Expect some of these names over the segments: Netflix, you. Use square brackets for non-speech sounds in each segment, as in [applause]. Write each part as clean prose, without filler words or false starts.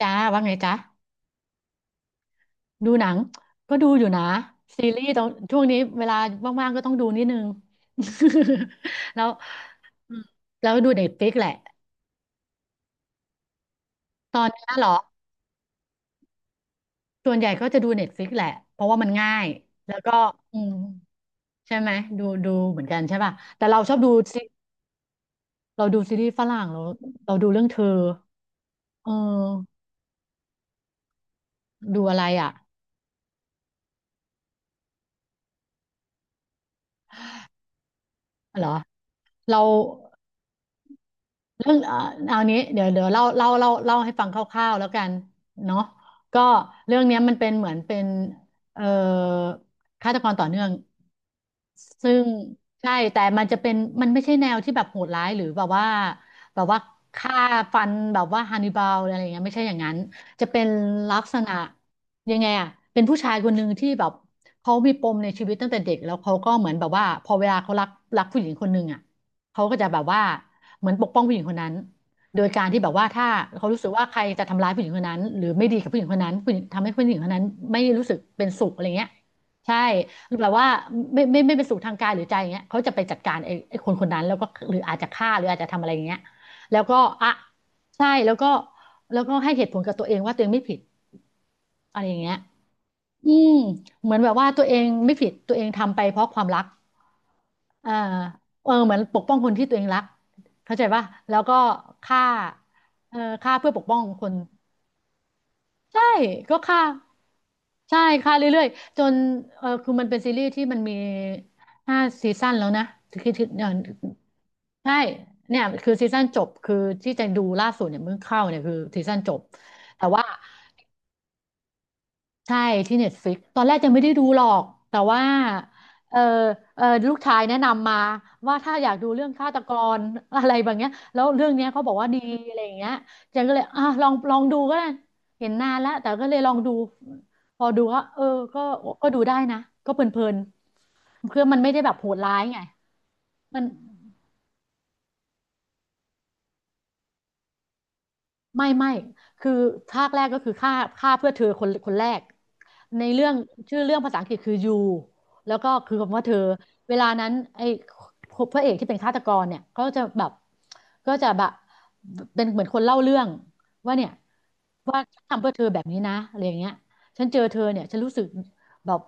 จ้าว่าไงจ๊ะดูหนังก็ดูอยู่นะซีรีส์ตรงช่วงนี้เวลาว่างๆก็ต้องดูนิดนึง [laughs] แล้วอืมแล้วดูเน็ตฟ i ิกแหละตอนนี้เหรอส่วนใหญ่ก็จะดูเน็ตฟ i ิกแหละเพราะว่ามันง่ายแล้วก็อืมใช่ไหมดูดูเหมือนกันใช่ป่ะแต่เราชอบดูซีเราดูซีรีส์ฝรั่งเราเราดูเรื่องเธอเออดูอะไรอ่ะเหรอเรา เรื่องเอานี้เดี๋ยวเดี๋ยวเล่าเล่าเล่าเล่าให้ฟังคร่าวๆแล้วกันเนาะก็เรื่องเนี้ยมันเป็นเหมือนเป็นเอ่อฆาตกรต่อเนื่องซึ่งใช่แต่มันจะเป็นมันไม่ใช่แนวที่แบบโหดร้ายหรือแบบว่าแบบว่าฆ่าฟันแบบว่าฮันนิบาลอะไรอย่างเงี้ยไม่ใช่อย่างนั้นจะเป็นลักษณะยังไงอะเป็นผู้ชายคนหนึ่งที่แบบเขามีปมในชีวิตตั้งแต่เด็กแล้วเขาก็เหมือนแบบว่าพอเวลาเขารักรักผู้หญิงคนหนึ่งอะเขาก็จะแบบว่า เหมือนปกป้องผู้หญิงคนนั้นโดยการที่แบบว่าถ้าเขารู้สึกว่าใครจะทำร้ายผู้หญิงคนนั้นหรือไม่ดีกับผู้หญิงคนนั้นผู้หญิงทำให้ผู้หญิงคนนั้นไม่รู้สึกเป็นสุขอะไรเงี้ยใช่แบบว่าไม่ไม่ไม่เป็นสุขทางกายหรือใจอย่างเงี้ยเขาจะไปจัดการไอ้คนคนนั้นแล้วก็หรืออาจจะฆ่าหรืออาจจะทำอะไรอย่างเงี้ยแล้วก็อ่ะใช่แล้วก็แล้วก็ให้เหตุผลกับตัวเองว่าตัวเองไม่ผิดอะไรอย่างเงี้ย อืมเหมือนแบบว่าตัวเองไม่ผิดตัวเองทำไปเพราะความรักอ่าเออเหมือนปกป้องคนที่ตัวเองรักเข้าใจป่ะแล้วก็ฆ่าเออฆ่าเพื่อปกป้องคนใช่ก็ฆ่าใช่ฆ่าเรื่อยๆจนเออคือมันเป็นซีรีส์ที่มันมี5 ซีซั่นแล้วนะคือเออใช่เนี่ยคือซีซั่นจบคือที่จะดูล่าสุดเนี่ยเพิ่งเข้าเนี่ยคือซีซั่นจบแต่ว่า ใช่ที่ Netflix ตอนแรกยังไม่ได้ดูหรอกแต่ว่าเออเออลูกชายแนะนำมาว่าถ้าอยากดูเรื่องฆาตกร [laughs] อะไรแบบเนี้ยแล้วเรื่องเนี้ยเขาบอกว่าดีอะไรอย่างเงี้ยจันก็เลยอ่ะลองลองดูก็ได้เห็นนานแล้วแต่ก็เลยลองดูพอดูก็เออก็ก็ดูได้นะก็เพลินๆคือมันไม่ได้แบบโหดร้ายไงมัน ไม่ไม่คือภาคแรกก็คือฆ่าฆ่าเพื่อเธอคนคนแรกในเรื่องชื่อเรื่องภาษาอังกฤษคือ you แล้วก็คือคำว่าเธอเวลานั้นไอ้พระเอกที่เป็นฆาตกรเนี่ยก็จะแบบก็จะแบบเป็นเหมือนคนเล่าเรื่องว่าเนี่ยว่าฉันทำเพื่อเธอแบบนี้นะอะไรอย่างเงี้ยฉันเจอเธอเนี่ยฉันรู้สึกแบบ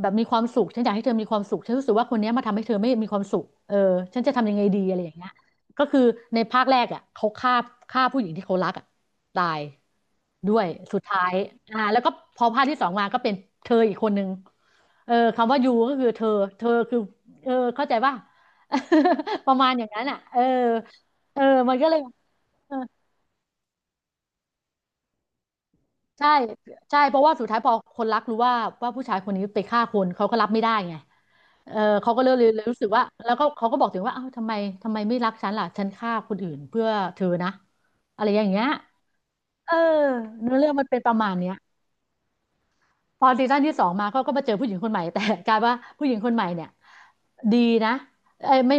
แบบมีความสุขฉันอยากให้เธอมีความสุขฉันรู้สึกว่าคนเนี้ยมาทำให้เธอไม่มีความสุขเออฉันจะทำยังไงดีอะไรอย่างเงี้ย ก็คือในภาคแรกอ่ะเขาฆ่าฆ่าผู้หญิงที่เขารักอ่ะตายด้วยสุดท้ายอ่าแล้วก็พอภาคที่สองมาก็เป็นเธออีกคนนึงเออคำว่ายูก็คือเธอเธอคือเออเข้าใจป่ะ [laughs] ประมาณอย่างนั้นอ่ะเออเออมันก็เลยเออใช่ใช่เพราะว่าสุดท้ายพอคนรักรู้ว่าว่าผู้ชายคนนี้ไปฆ่าคนเขาก็รับไม่ได้ไงเออเขาก็เลยรู้สึกว่าแล้วก็เขาก็บอกถึงว่าเอ้าทำไมทำไมไม่รักฉันล่ะฉันฆ่าคนอื่นเพื่อเธอนะอะไรอย่างเงี้ย เออเนื้อเรื่องมันเป็นประมาณเนี้ยพอซีซั่นที่สองมาเขาก็มาเจอผู้หญิงคนใหม่แต่ [laughs] กลายว่าผู้หญิงคนใหม่เนี่ยดีนะเอ้ยไม่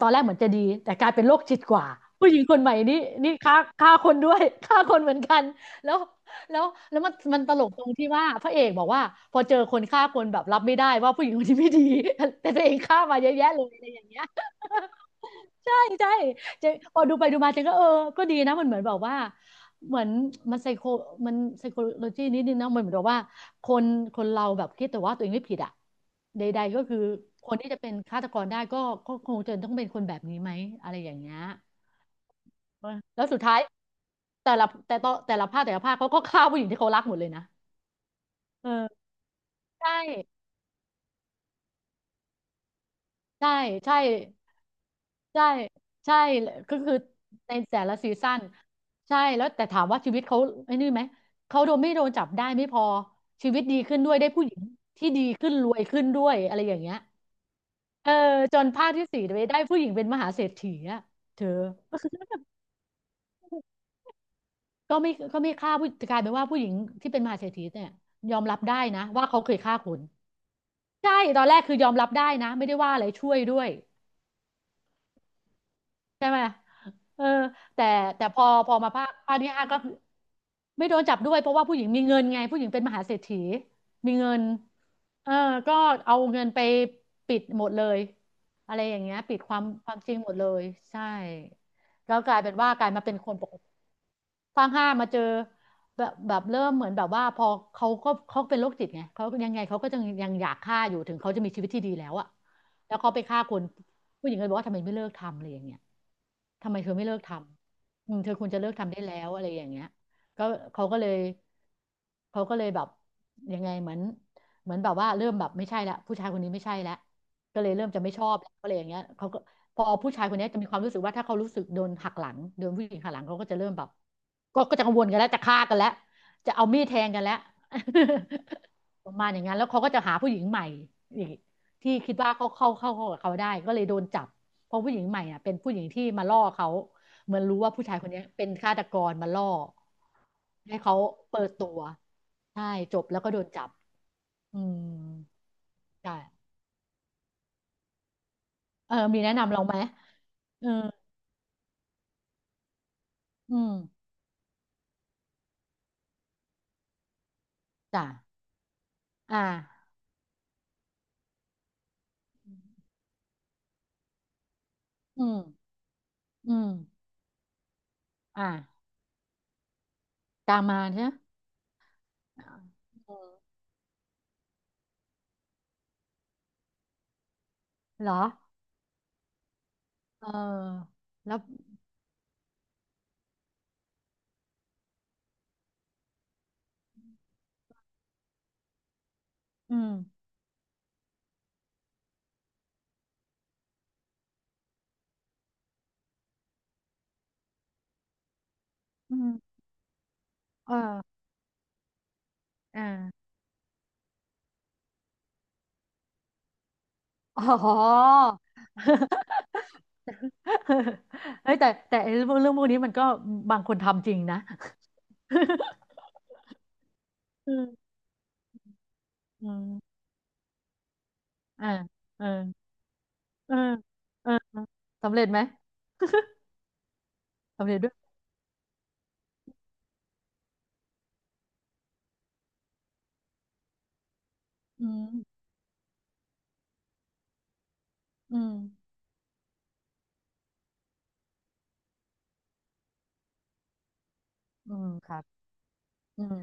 ตอนแรกเหมือนจะดีแต่กลายเป็นโรคจิตกว่าผู้หญิงคนใหม่นี่นี่ฆ่าฆ่าคนด้วย [laughs] ฆ่าคนเหมือนกันแล้วแล้วแล้วมันตลกตรงที่ว่าพระเอกบอกว่าพอเจอคนฆ่าคนแบบรับไม่ได้ว่าผู้หญิงคนที่ไม่ดี [laughs] แต่ตัวเองฆ่ามาเยอะแยะเลยอะไรอย่างเงี้ย [laughs] ใช่ใช่เจพอดูไปดูมาเจนก็เออก็ดีนะมันเหมือนแบบว่า เหมือนมันไซโคมันไซโคโลจีนิดนึงนะมันเหมือนกับว่าคนคนเราแบบคิดแต่ว่าตัวเองไม่ผิดอ่ะใดๆก็คือคนที่จะเป็นฆาตกรได้ก็ก็คงจะต้องเป็นคนแบบนี้ไหมอะไรอย่างเงี้ยแล้วสุดท้ายแต่ละแต่ต่อแต่ละภาคแต่ละภาคเขาก็ฆ่าผู้หญิงที่เขารักหมดเลยนะเออใช่ ใช่ ใช่ ใช่ใช่ก็คือในแต่ละซีซั่นใช่แล้วแต่ถามว่าชีวิตเขาไอ้นี่ไหมเขาโดนไม่โดนจับได้ไม่พอชีวิตดีขึ้นด้วยได้ผู้หญิงที่ดีขึ้นรวยขึ้นด้วยอะไรอย่างเงี้ยเออจนภาคที่สี่ไปได้ผู้หญิงเป็นมหาเศรษฐีอะเธอก็ไม่ฆ่าผู้กลายเป็นว่าผู้หญิงที่เป็นมหาเศรษฐีเนี่ยยอมรับได้นะว่าเขาเคยฆ่าคนใช่ตอนแรกคือยอมรับได้นะไม่ได้ว่าอะไรช่วยด้วย ใช่ไหมเออแต่พอมาภาคที่ห้าก็คือไม่โดนจับด้วยเพราะว่าผู้หญิงมีเงินไงผู้หญิงเป็นมหาเศรษฐีมีเงินเออก็เอาเงินไปปิดหมดเลยอะไรอย่างเงี้ยปิดความจริงหมดเลยใช่แล้วกลายเป็นว่ากลายมาเป็นคนปกติภาคห้ามาเจอแบบเริ่มเหมือนแบบว่าพอเขาเป็นโรคจิตไงเขายังไงเขาก็ยังอยากฆ่าอยู่ถึงเขาจะมีชีวิตที่ดีแล้วอะแล้วเขาไปฆ่าคน ผู้หญิงก็เลยบอกว่าทำไมไม่เลิกทำอะไรอย่างเงี้ยทำไมเธอไม่เลิกทำเธอควรจะเลิกทำได้แล้วอะไรอย่างเงี้ยก็เขาก็เลยเขาก็เลยแบบยังไงเหมือนเหมือนแบบว่าเริ่มแบบไม่ใช่ละผู้ชายคนนี้ไม่ใช่ละก็เลยเริ่มจะไม่ชอบแล้วอะไรอย่างเงี้ยเขาก็พอผู้ชายคนเนี้ยจะมีความรู้สึกว่าถ้าเขารู้สึกโดนหักหลังโดนผู้หญิงหักหลังเขาก็จะเริ่มแบบ ก็จะกังวลกันแล้วจะฆ่ากันแล้วจะเอามีดแทงกันแล้ว [laughs] ประมาณอย่างนั้นแล้วเขาก็จะหาผู้หญิงใหม่อีกที่คิดว่าเขาเข้าเข้าเข้ากับเขาได้ก็เลยโดนจับเพราะผู้หญิงใหม่อ่ะเป็นผู้หญิงที่มาล่อเขาเหมือนรู้ว่าผู้ชายคนนี้เป็นฆาตกรมาล่อให้เขาเปิดตัวใช่จบแล้วก็โดนจับอืมใช่เออมีแนะนำเราไหมเอออืมจ้ะอ่าอืมอืมอ่ากางมาใช่ไหมอ่าอืม เหรอ เออแล้วอืมอืมเอออ่าอ๋อ [laughs] เฮ้ยแต่ไอ้เรื่องพวกนี้มันก็บางคนทำจริงนะ [laughs] อืมอืมอ่าเออเออสำเร็จไหม [laughs] สำเร็จด้วยอืมอืมอืมครับ อืม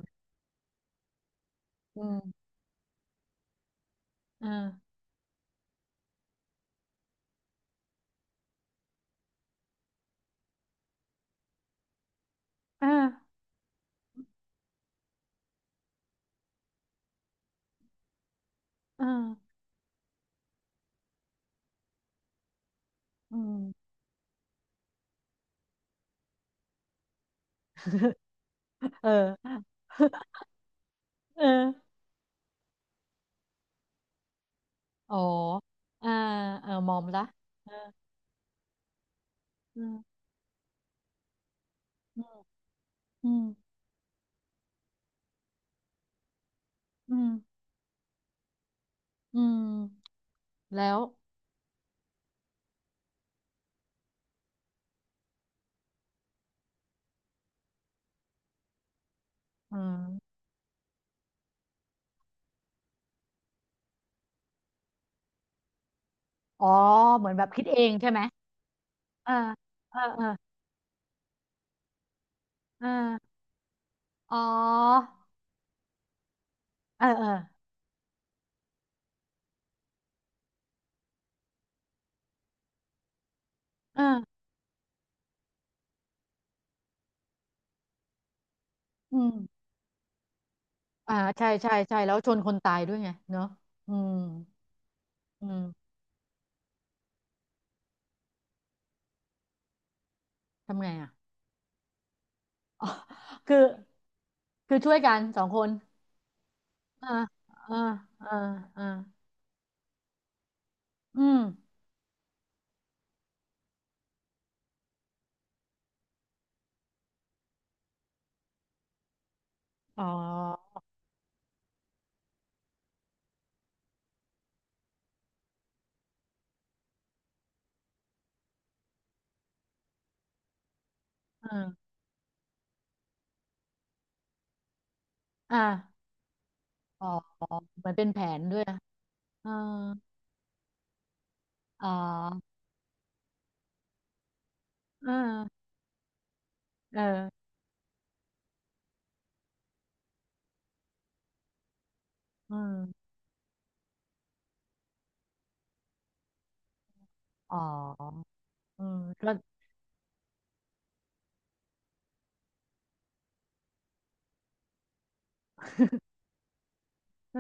อืมเออเอออืม [laughs] เออเอออ๋อ อ่าเออมอมละเออเออ อืมอืมอืม แล้วอืมอ๋อ เหมือนแบบคิดเองใช่ไหมเออเออเออเอออ๋อเออเอออืมอ่าใช่ใช่ ใช่ แล้วชนคนตายด้วยไงเนอะอืมอืมทำไงอ่ะอ๋อ [laughs] คือ คือช่วยกันสองคนอ่าอ่าอ่าอาอืมอ๋อออาอ่าอ๋อเหมอนเป็นแผนด้วยอ่าออเอ๋อเออ อืมอ๋ออืมก็เออ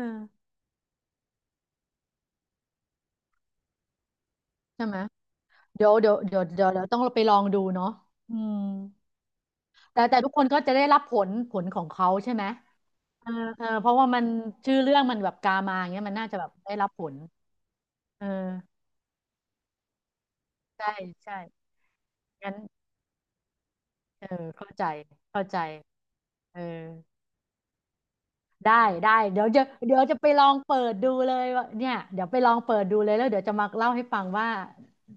ใช่ไหมเดี๋ยวเดี๋ยวเดี๋ยวเดี๋ยวเดี๋ยวต้องไปลองดูเนาะอืมแต่ทุกคนก็จะได้รับผลของเขาใช่ไหมเออเออเพราะว่ามันชื่อเรื่องมันแบบกามาอย่างเงี้ยมันน่าจะแบบได้รับผลเออใช่ใช่งั้นเออเข้าใจเข้าใจเออได้ได้เดี๋ยวจะไปลองเปิดดูเลยว่าเนี่ยเดี๋ยวไปลองเปิดดูเลยแล้วเดี๋ยวจะมาเล่าให้ฟังว่า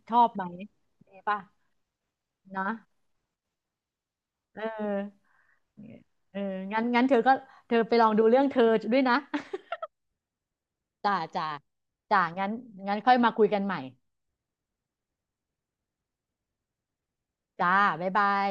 ชอบไหมดีป่ะเนาะเออ เอองั้นเธอก็เธอไปลองดูเรื่องเธอด้วยนะ [laughs] จ้าจ้าจ้างั้นงั้นค่อยมาคุยกันใหม่จ้าบ๊ายบาย